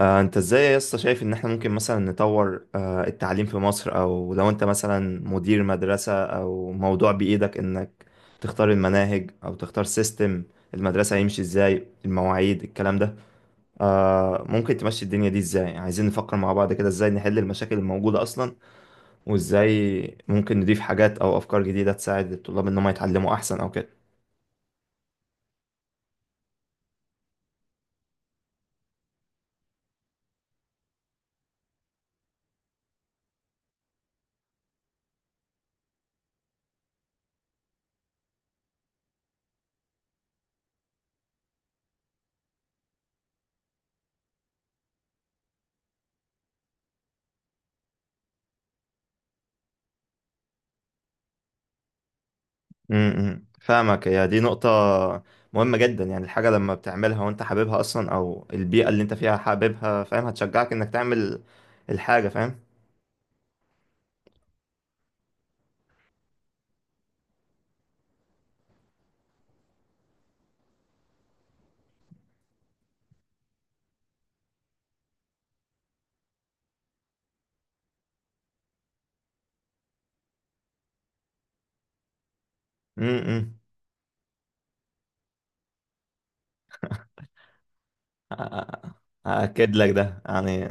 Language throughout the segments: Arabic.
انت ازاي يا اسطى، شايف ان احنا ممكن مثلا نطور التعليم في مصر، او لو انت مثلا مدير مدرسة او موضوع بإيدك انك تختار المناهج او تختار سيستم المدرسة، هيمشي ازاي؟ المواعيد، الكلام ده ممكن تمشي الدنيا دي ازاي؟ يعني عايزين نفكر مع بعض كده ازاي نحل المشاكل الموجودة اصلا، وازاي ممكن نضيف حاجات او افكار جديدة تساعد الطلاب ان هم يتعلموا احسن او كده. امم، فاهمك. هي دي نقطة مهمة جدا، يعني الحاجة لما بتعملها وانت حاببها اصلا، او البيئة اللي انت فيها حاببها فاهم، هتشجعك انك تعمل الحاجة، فاهم؟ امم. اكد لك ده يعني،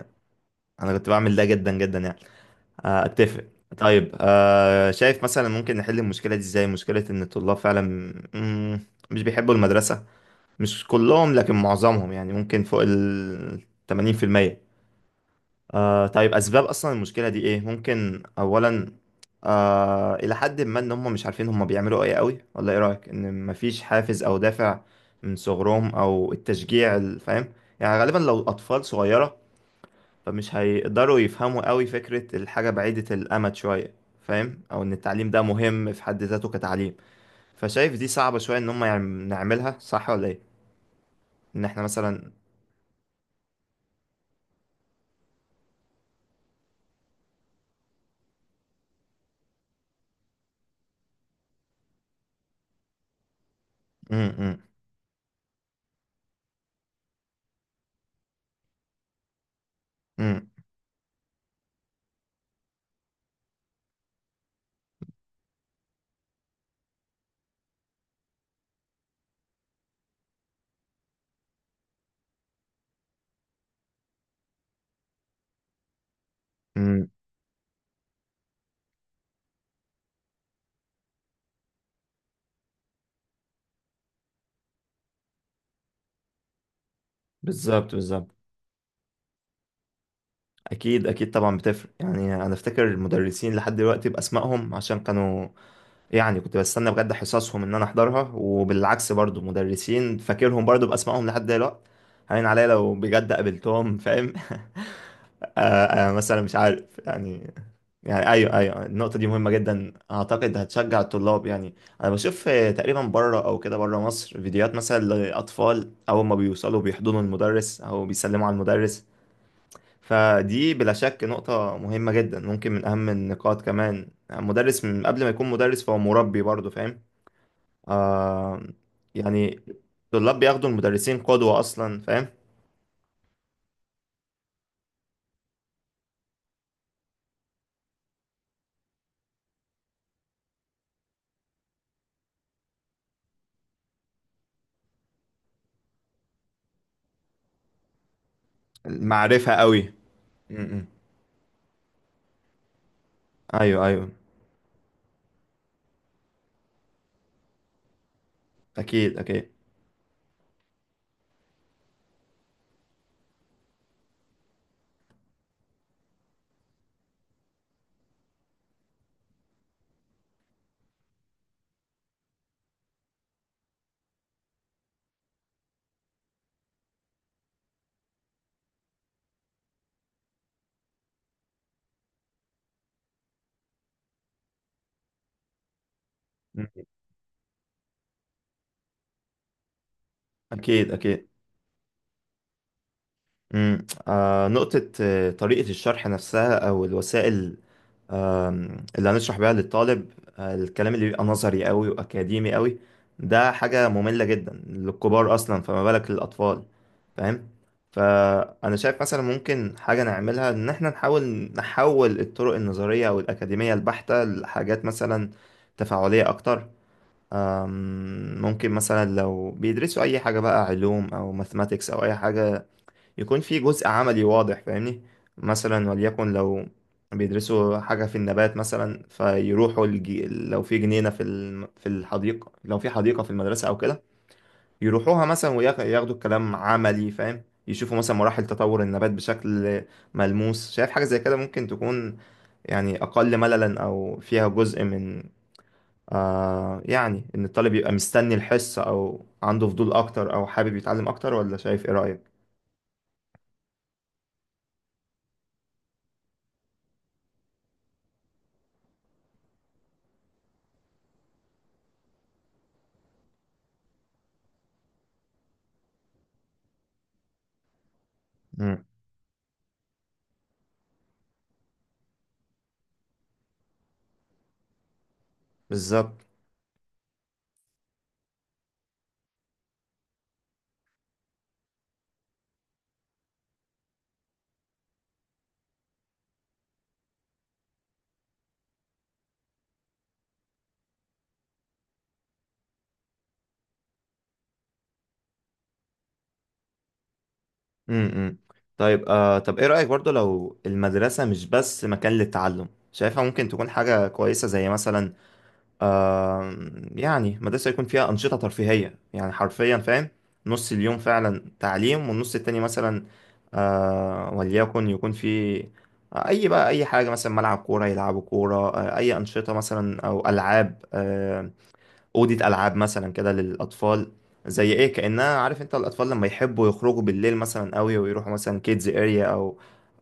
انا كنت بعمل ده جدا جدا، يعني اتفق. طيب، شايف مثلا ممكن نحل المشكلة دي ازاي؟ مشكلة ان الطلاب فعلا مم، مش بيحبوا المدرسة، مش كلهم لكن معظمهم، يعني ممكن فوق ال 80%. طيب، أسباب أصلا المشكلة دي إيه؟ ممكن أولا إلى حد ما، إن هم مش عارفين هم بيعملوا إيه قوي، ولا إيه رأيك؟ إن مفيش حافز أو دافع من صغرهم أو التشجيع، فاهم؟ يعني غالبا لو أطفال صغيرة، فمش هيقدروا يفهموا قوي فكرة الحاجة بعيدة الأمد شوية، فاهم؟ أو إن التعليم ده مهم في حد ذاته كتعليم، فشايف دي صعبة شوية إن هم نعملها صح ولا إيه؟ إن إحنا مثلا م- م- م- م- بالظبط بالظبط، اكيد اكيد، طبعا بتفرق. يعني انا افتكر المدرسين لحد دلوقتي باسمائهم، عشان كانوا يعني كنت بستنى بجد حصصهم ان انا احضرها، وبالعكس برضو مدرسين فاكرهم برضو باسمائهم لحد دلوقتي، هين عليا لو بجد قابلتهم، فاهم؟ مثلا مش عارف، يعني ايوه ايوه، النقطه دي مهمه جدا، اعتقد هتشجع الطلاب يعني. انا بشوف تقريبا بره او كده، بره مصر، فيديوهات مثلا لاطفال اول ما بيوصلوا بيحضنوا المدرس او بيسلموا على المدرس. فدي بلا شك نقطة مهمة جدا، ممكن من أهم النقاط. كمان مدرس من قبل ما يكون مدرس فهو مربي برضه، فاهم؟ آه يعني الطلاب بياخدوا المدرسين قدوة أصلا، فاهم؟ المعرفة قوي. م. أيوه أيوه، أكيد أكيد. م- أكيد أكيد. م. نقطة، طريقة الشرح نفسها أو الوسائل اللي هنشرح بيها للطالب، الكلام اللي بيبقى نظري قوي واكاديمي قوي، ده حاجة مملة جدا للكبار اصلا، فما بالك للاطفال؟ فاهم؟ فانا شايف مثلا ممكن حاجة نعملها، ان احنا نحاول نحول الطرق النظرية او الاكاديمية البحتة لحاجات مثلا تفاعلية اكتر. ممكن مثلا لو بيدرسوا اي حاجة بقى، علوم او ماثماتكس او اي حاجة، يكون في جزء عملي واضح، فاهمني؟ مثلا وليكن لو بيدرسوا حاجة في النبات مثلا، فيروحوا لو في جنينة في في الحديقة، لو في حديقة في المدرسة أو كده، يروحوها مثلا وياخدوا الكلام عملي، فاهم؟ يشوفوا مثلا مراحل تطور النبات بشكل ملموس. شايف حاجة زي كده ممكن تكون، يعني أقل مللا أو فيها جزء من يعني، إن الطالب يبقى مستني الحصة أو عنده فضول أكتر أو حابب يتعلم أكتر، ولا شايف إيه رأيك؟ مم. بالظبط. امم، طيب، طب ايه رأيك برضو لو المدرسة مش بس مكان للتعلم؟ شايفها ممكن تكون حاجة كويسة زي مثلا، آه يعني، مدرسة يكون فيها أنشطة ترفيهية، يعني حرفيا، فاهم؟ نص اليوم فعلا تعليم، والنص التاني مثلا وليكن يكون في أي بقى، أي حاجة، مثلا ملعب كورة يلعبوا كورة، أي أنشطة مثلا أو ألعاب، أوضة ألعاب مثلا كده للأطفال. زي إيه، كأنها، عارف أنت الأطفال لما يحبوا يخرجوا بالليل مثلا قوي، ويروحوا مثلا كيدز أريا، أو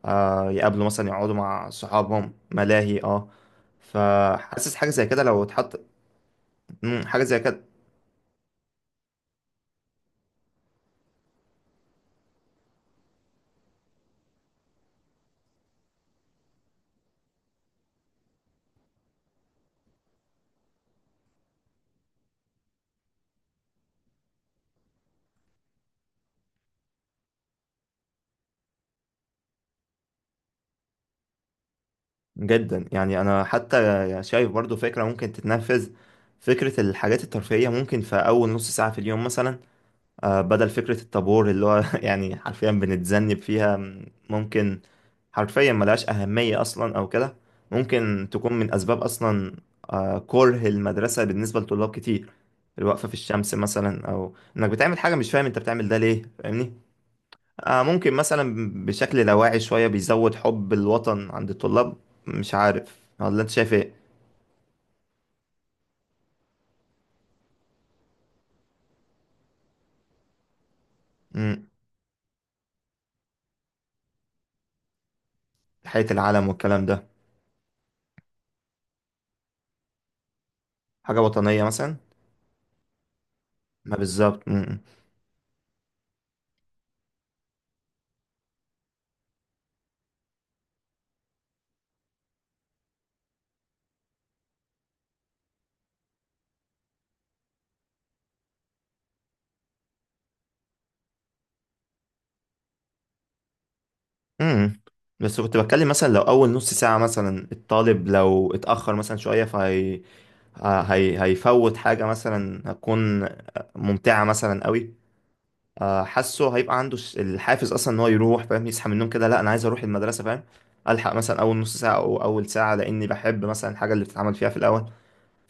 يقابلوا مثلا، يقعدوا مع صحابهم، ملاهي، فحاسس حاجة زي كده لو اتحط. حاجة زي كده، جدا يعني. أنا حتى شايف برضو فكرة ممكن تتنفذ: فكرة الحاجات الترفيهية ممكن في أول نص ساعة في اليوم مثلا، بدل فكرة الطابور اللي هو يعني حرفيا بنتذنب فيها. ممكن حرفيا ملهاش أهمية أصلا أو كده، ممكن تكون من أسباب أصلا كره المدرسة بالنسبة لطلاب كتير، الوقفة في الشمس مثلا، أو إنك بتعمل حاجة مش فاهم أنت بتعمل ده ليه، فاهمني؟ ممكن مثلا بشكل لاواعي شوية بيزود حب الوطن عند الطلاب، مش عارف، ولا أنت شايف إيه؟ مم، تحية العلم والكلام ده، حاجة وطنية مثلا. ما بالظبط. مم. امم. بس كنت بتكلم مثلا لو اول نص ساعة مثلا، الطالب لو اتأخر مثلا شوية، فهي هي هيفوت حاجة مثلا هتكون ممتعة مثلا قوي. حاسه هيبقى عنده الحافز اصلا ان هو يروح، فاهم؟ يصحى من النوم كده، لا انا عايز اروح المدرسة، فاهم؟ الحق مثلا اول نص ساعة او اول ساعة، لاني بحب مثلا الحاجة اللي بتتعمل فيها في الاول.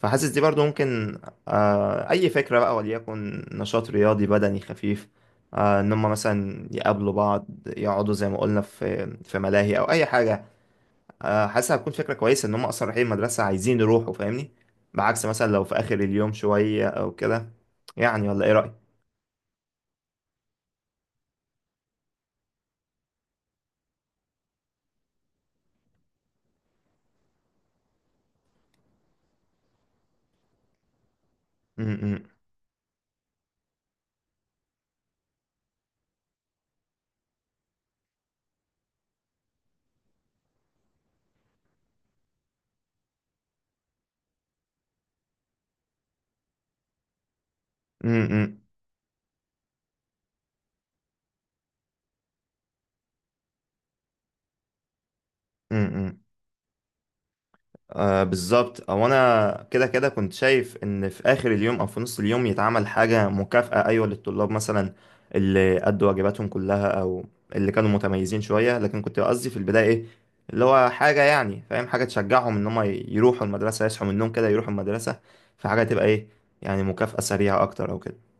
فحاسس دي برضو ممكن أي فكرة بقى، وليكن نشاط رياضي بدني خفيف، إن هما مثلا يقابلوا بعض، يقعدوا زي ما قلنا في ملاهي أو أي حاجة. حاسس هتكون فكرة كويسة، إن هما أصلا رايحين المدرسة عايزين يروحوا، فاهمني؟ بعكس مثلا لو في آخر اليوم شوية أو كده، يعني، ولا إيه رأيك؟ م- م- م- م. بالظبط، او انا كده كده كنت شايف ان في اخر اليوم او في نص اليوم يتعمل حاجه مكافاه، ايوه، للطلاب مثلا اللي ادوا واجباتهم كلها، او اللي كانوا متميزين شويه. لكن كنت قصدي في البدايه ايه، اللي هو حاجه يعني، فاهم؟ حاجه تشجعهم ان هم يروحوا المدرسه، يصحوا من النوم كده يروحوا المدرسه، فحاجه تبقى ايه يعني، مكافاه سريعه اكتر او كده.